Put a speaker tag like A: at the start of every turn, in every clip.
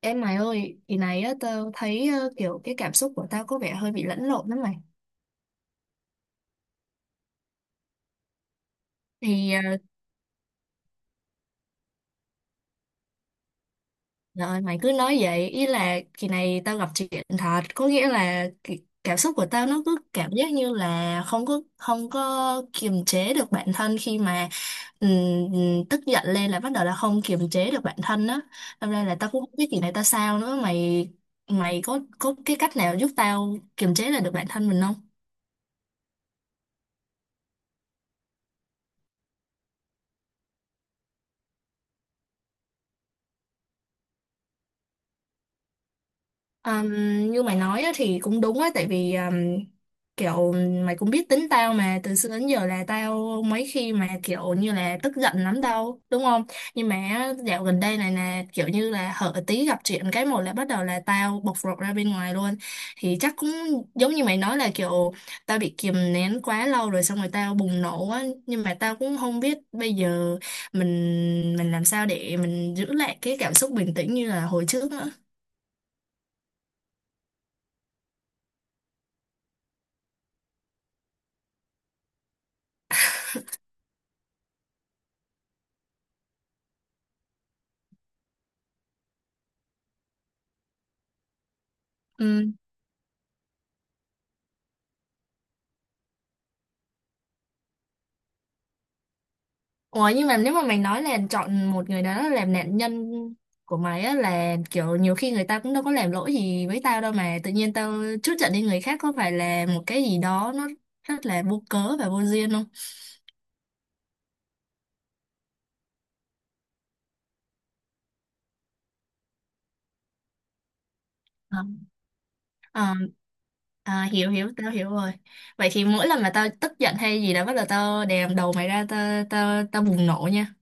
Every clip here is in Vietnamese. A: Em mày ơi, ý này á, tao thấy kiểu cái cảm xúc của tao có vẻ hơi bị lẫn lộn lắm mày. Thì ờ, rồi mày cứ nói vậy, ý là kỳ này tao gặp chuyện thật, có nghĩa là cái cảm xúc của tao nó cứ cảm giác như là không có kiềm chế được bản thân khi mà tức giận lên là bắt đầu là không kiềm chế được bản thân á. Đâm ra là tao cũng không biết kỳ này tao sao nữa, mày mày có cái cách nào giúp tao kiềm chế lại được bản thân mình không? Um, Như mày nói á, thì cũng đúng á tại vì kiểu mày cũng biết tính tao mà từ xưa đến giờ là tao mấy khi mà kiểu như là tức giận lắm đâu đúng không, nhưng mà á, dạo gần đây này nè kiểu như là hở tí gặp chuyện cái một là bắt đầu là tao bộc lộ ra bên ngoài luôn, thì chắc cũng giống như mày nói là kiểu tao bị kìm nén quá lâu rồi xong rồi tao bùng nổ á, nhưng mà tao cũng không biết bây giờ mình mình làm sao để mình giữ lại cái cảm xúc bình tĩnh như là hồi trước nữa. Ủa nhưng mà nếu mà mày nói là chọn một người đó làm nạn nhân của mày á, là kiểu nhiều khi người ta cũng đâu có làm lỗi gì với tao đâu mà tự nhiên tao trút giận đi người khác có phải là một cái gì đó nó rất là vô cớ và vô duyên không? Ờ. Ờ, à, hiểu hiểu tao hiểu rồi. Vậy thì mỗi lần mà tao tức giận hay gì đó bắt đầu tao đè đầu mày ra tao tao tao bùng nổ nha.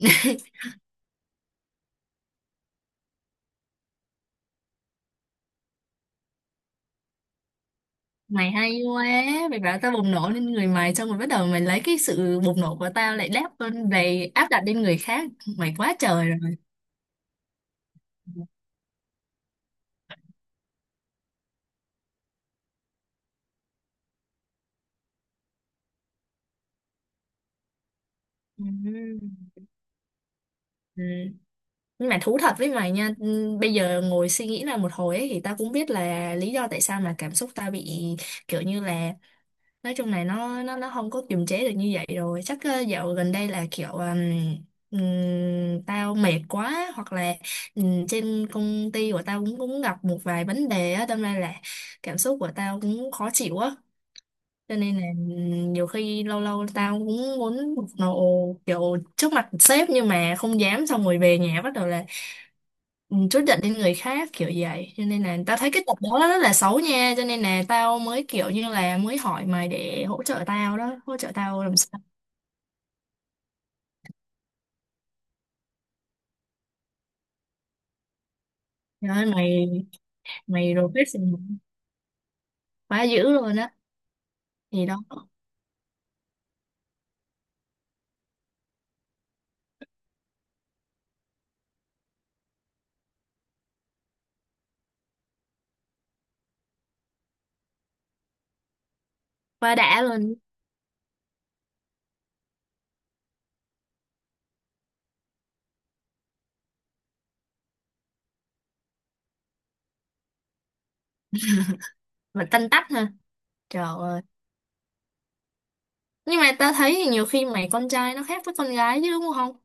A: Mày hay quá, mày bảo tao bùng nổ lên người mày xong rồi bắt đầu mày lấy cái sự bùng nổ của tao lại đáp lên về áp đặt lên người khác, mày quá trời rồi. Ừ. Ừ. Nhưng mà thú thật với mày nha, ừ, bây giờ ngồi suy nghĩ lại một hồi ấy, thì tao cũng biết là lý do tại sao mà cảm xúc tao bị kiểu như là nói chung này nó không có kiềm chế được như vậy rồi, chắc dạo gần đây là kiểu tao mệt quá hoặc là trên công ty của tao cũng cũng gặp một vài vấn đề á, đâm ra là cảm xúc của tao cũng khó chịu á, cho nên là ừ, nhiều khi lâu lâu tao cũng muốn một nầu kiểu trước mặt sếp nhưng mà không dám xong rồi về nhà bắt đầu là ừ, trút giận lên người khác kiểu vậy, cho nên là tao thấy cái tập đó rất là xấu nha, cho nên là tao mới kiểu như là mới hỏi mày để hỗ trợ tao đó, hỗ trợ tao làm sao. Trời ơi, mày mày professional quá dữ luôn á, thì đó quá đã luôn, mà tanh tách ha. Trời ơi. Nhưng mà tao thấy nhiều khi mày con trai nó khác với con gái chứ đúng không?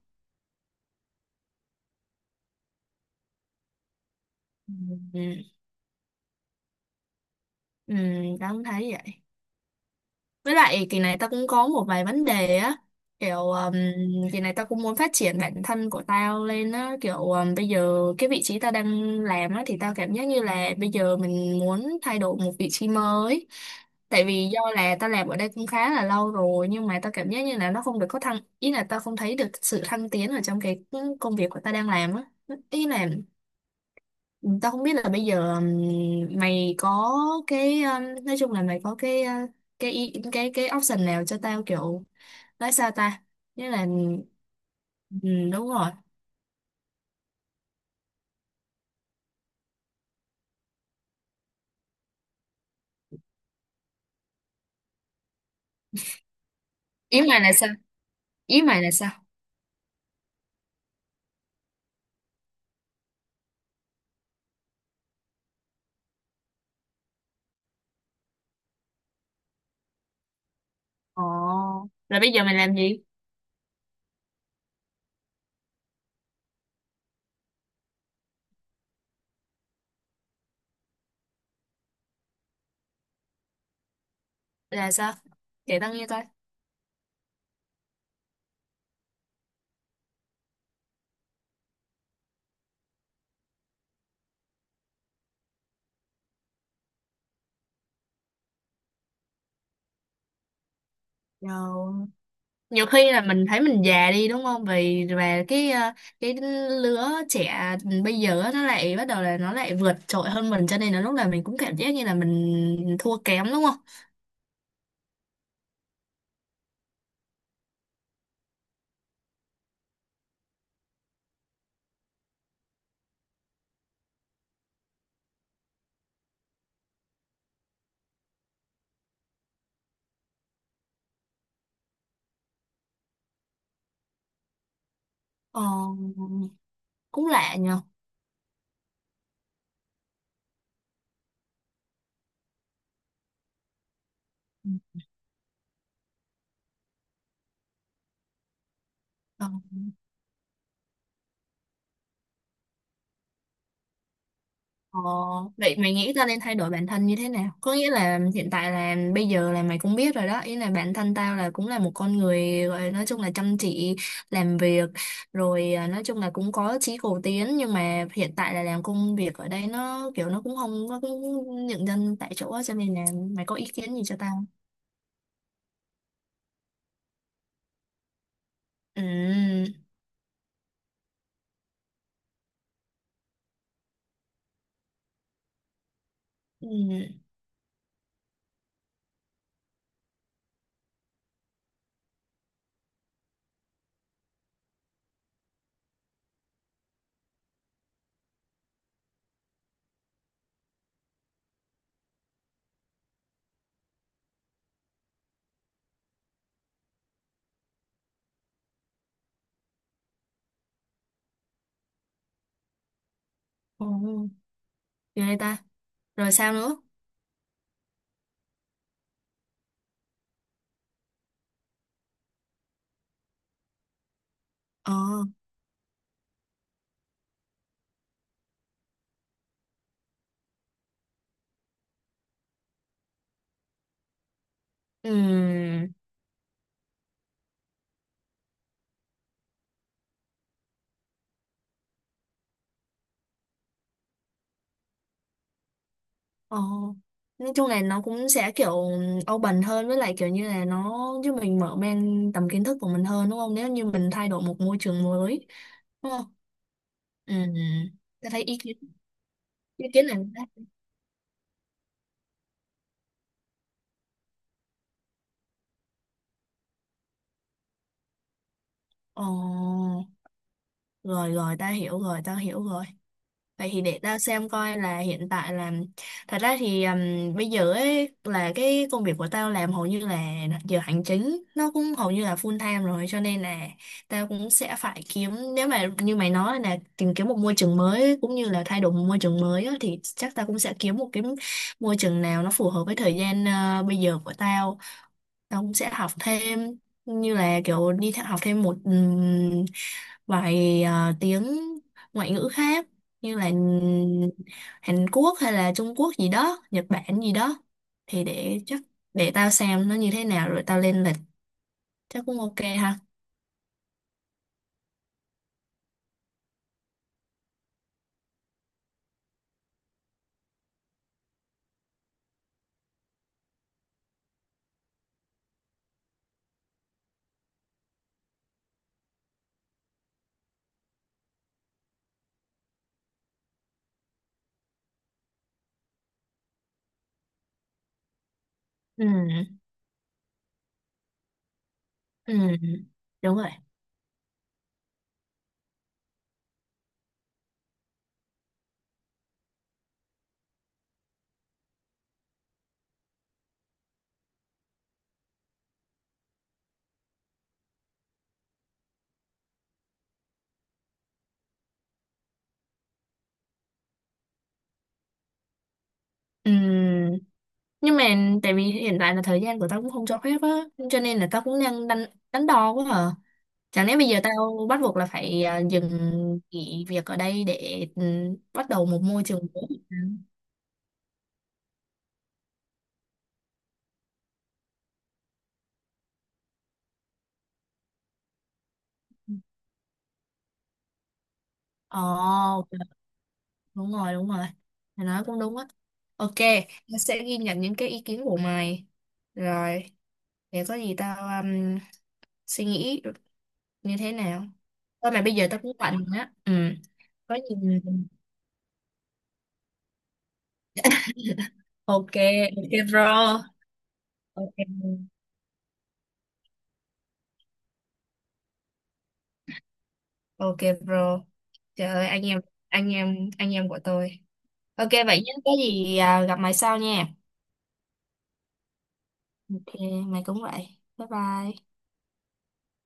A: Ừ. Ừ, tao cũng thấy vậy. Với lại kỳ này tao cũng có một vài vấn đề á. Kiểu kỳ này tao cũng muốn phát triển bản thân của tao lên á. Kiểu bây giờ cái vị trí tao đang làm á thì tao cảm giác như là bây giờ mình muốn thay đổi một vị trí mới. Tại vì do là tao làm ở đây cũng khá là lâu rồi nhưng mà tao cảm giác như là nó không được có thăng, ý là tao không thấy được sự thăng tiến ở trong cái công việc của tao đang làm á. Ý là tao không biết là bây giờ mày có cái nói chung là mày có cái cái option nào cho tao kiểu nói sao ta, nghĩa là đúng rồi. Ý mày là sao? Ý mày là sao? Ồ. Là bây giờ mày làm gì? Là sao? Kể tao nghe coi. Nhiều nhiều khi là mình thấy mình già đi đúng không, vì và cái cái lứa trẻ bây giờ á, nó lại bắt đầu là nó lại vượt trội hơn mình cho nên là lúc nào mình cũng cảm giác như là mình thua kém đúng không? Ờ, cũng lạ nhờ. Ờ, ờ, vậy mày nghĩ tao nên thay đổi bản thân như thế nào? Có nghĩa là hiện tại là bây giờ là mày cũng biết rồi đó. Ý là bản thân tao là cũng là một con người gọi là nói chung là chăm chỉ làm việc. Rồi à, nói chung là cũng có chí cầu tiến. Nhưng mà hiện tại là làm công việc ở đây nó kiểu nó cũng không có cũng nhận dân tại chỗ á, cho nên là mày có ý kiến gì cho tao không? Ừ. Ừ. Ừ. Ghê ta. Rồi sao nữa? Ờ. Ừ. Ờ, nói chung là nó cũng sẽ kiểu open hơn với lại kiểu như là nó giúp mình mở mang tầm kiến thức của mình hơn đúng không? Nếu như mình thay đổi một môi trường mới đúng không? Ừ, ta thấy ý kiến này ờ, rồi rồi ta hiểu rồi, ta hiểu rồi. Vậy thì để tao xem coi là hiện tại là thật ra thì bây giờ ấy là cái công việc của tao làm hầu như là giờ hành chính nó cũng hầu như là full time rồi cho nên là tao cũng sẽ phải kiếm, nếu mà như mày nói là tìm kiếm một môi trường mới cũng như là thay đổi một môi trường mới á, thì chắc tao cũng sẽ kiếm một cái môi trường nào nó phù hợp với thời gian bây giờ của tao, ông sẽ học thêm như là kiểu đi theo học thêm một vài tiếng ngoại ngữ khác như là Hàn Quốc hay là Trung Quốc gì đó, Nhật Bản gì đó. Thì để chắc để tao xem nó như thế nào rồi tao lên lịch chắc cũng ok ha. Ừ, ừ, đúng rồi. Ừ. Nhưng mà tại vì hiện tại là thời gian của tao cũng không cho phép á, cho nên là tao cũng đang đánh đánh đo quá à. Chẳng lẽ bây giờ tao bắt buộc là phải à, dừng nghỉ việc ở đây để ừ, bắt đầu một môi trường mới hả? Ồ, đúng rồi, đúng rồi. Mày nói cũng đúng á. Ok, tao sẽ ghi nhận những cái ý kiến của mày. Rồi, để có gì tao suy nghĩ như thế nào. Thôi mà bây giờ tao cũng bận á. Ừ, có gì... mình- Ok, ok bro. Ok, ok bro. Trời ơi, anh em, anh em, anh em của tôi. Ok vậy nhé, có gì à, gặp mày sau nha. Ok, mày cũng vậy. Bye bye.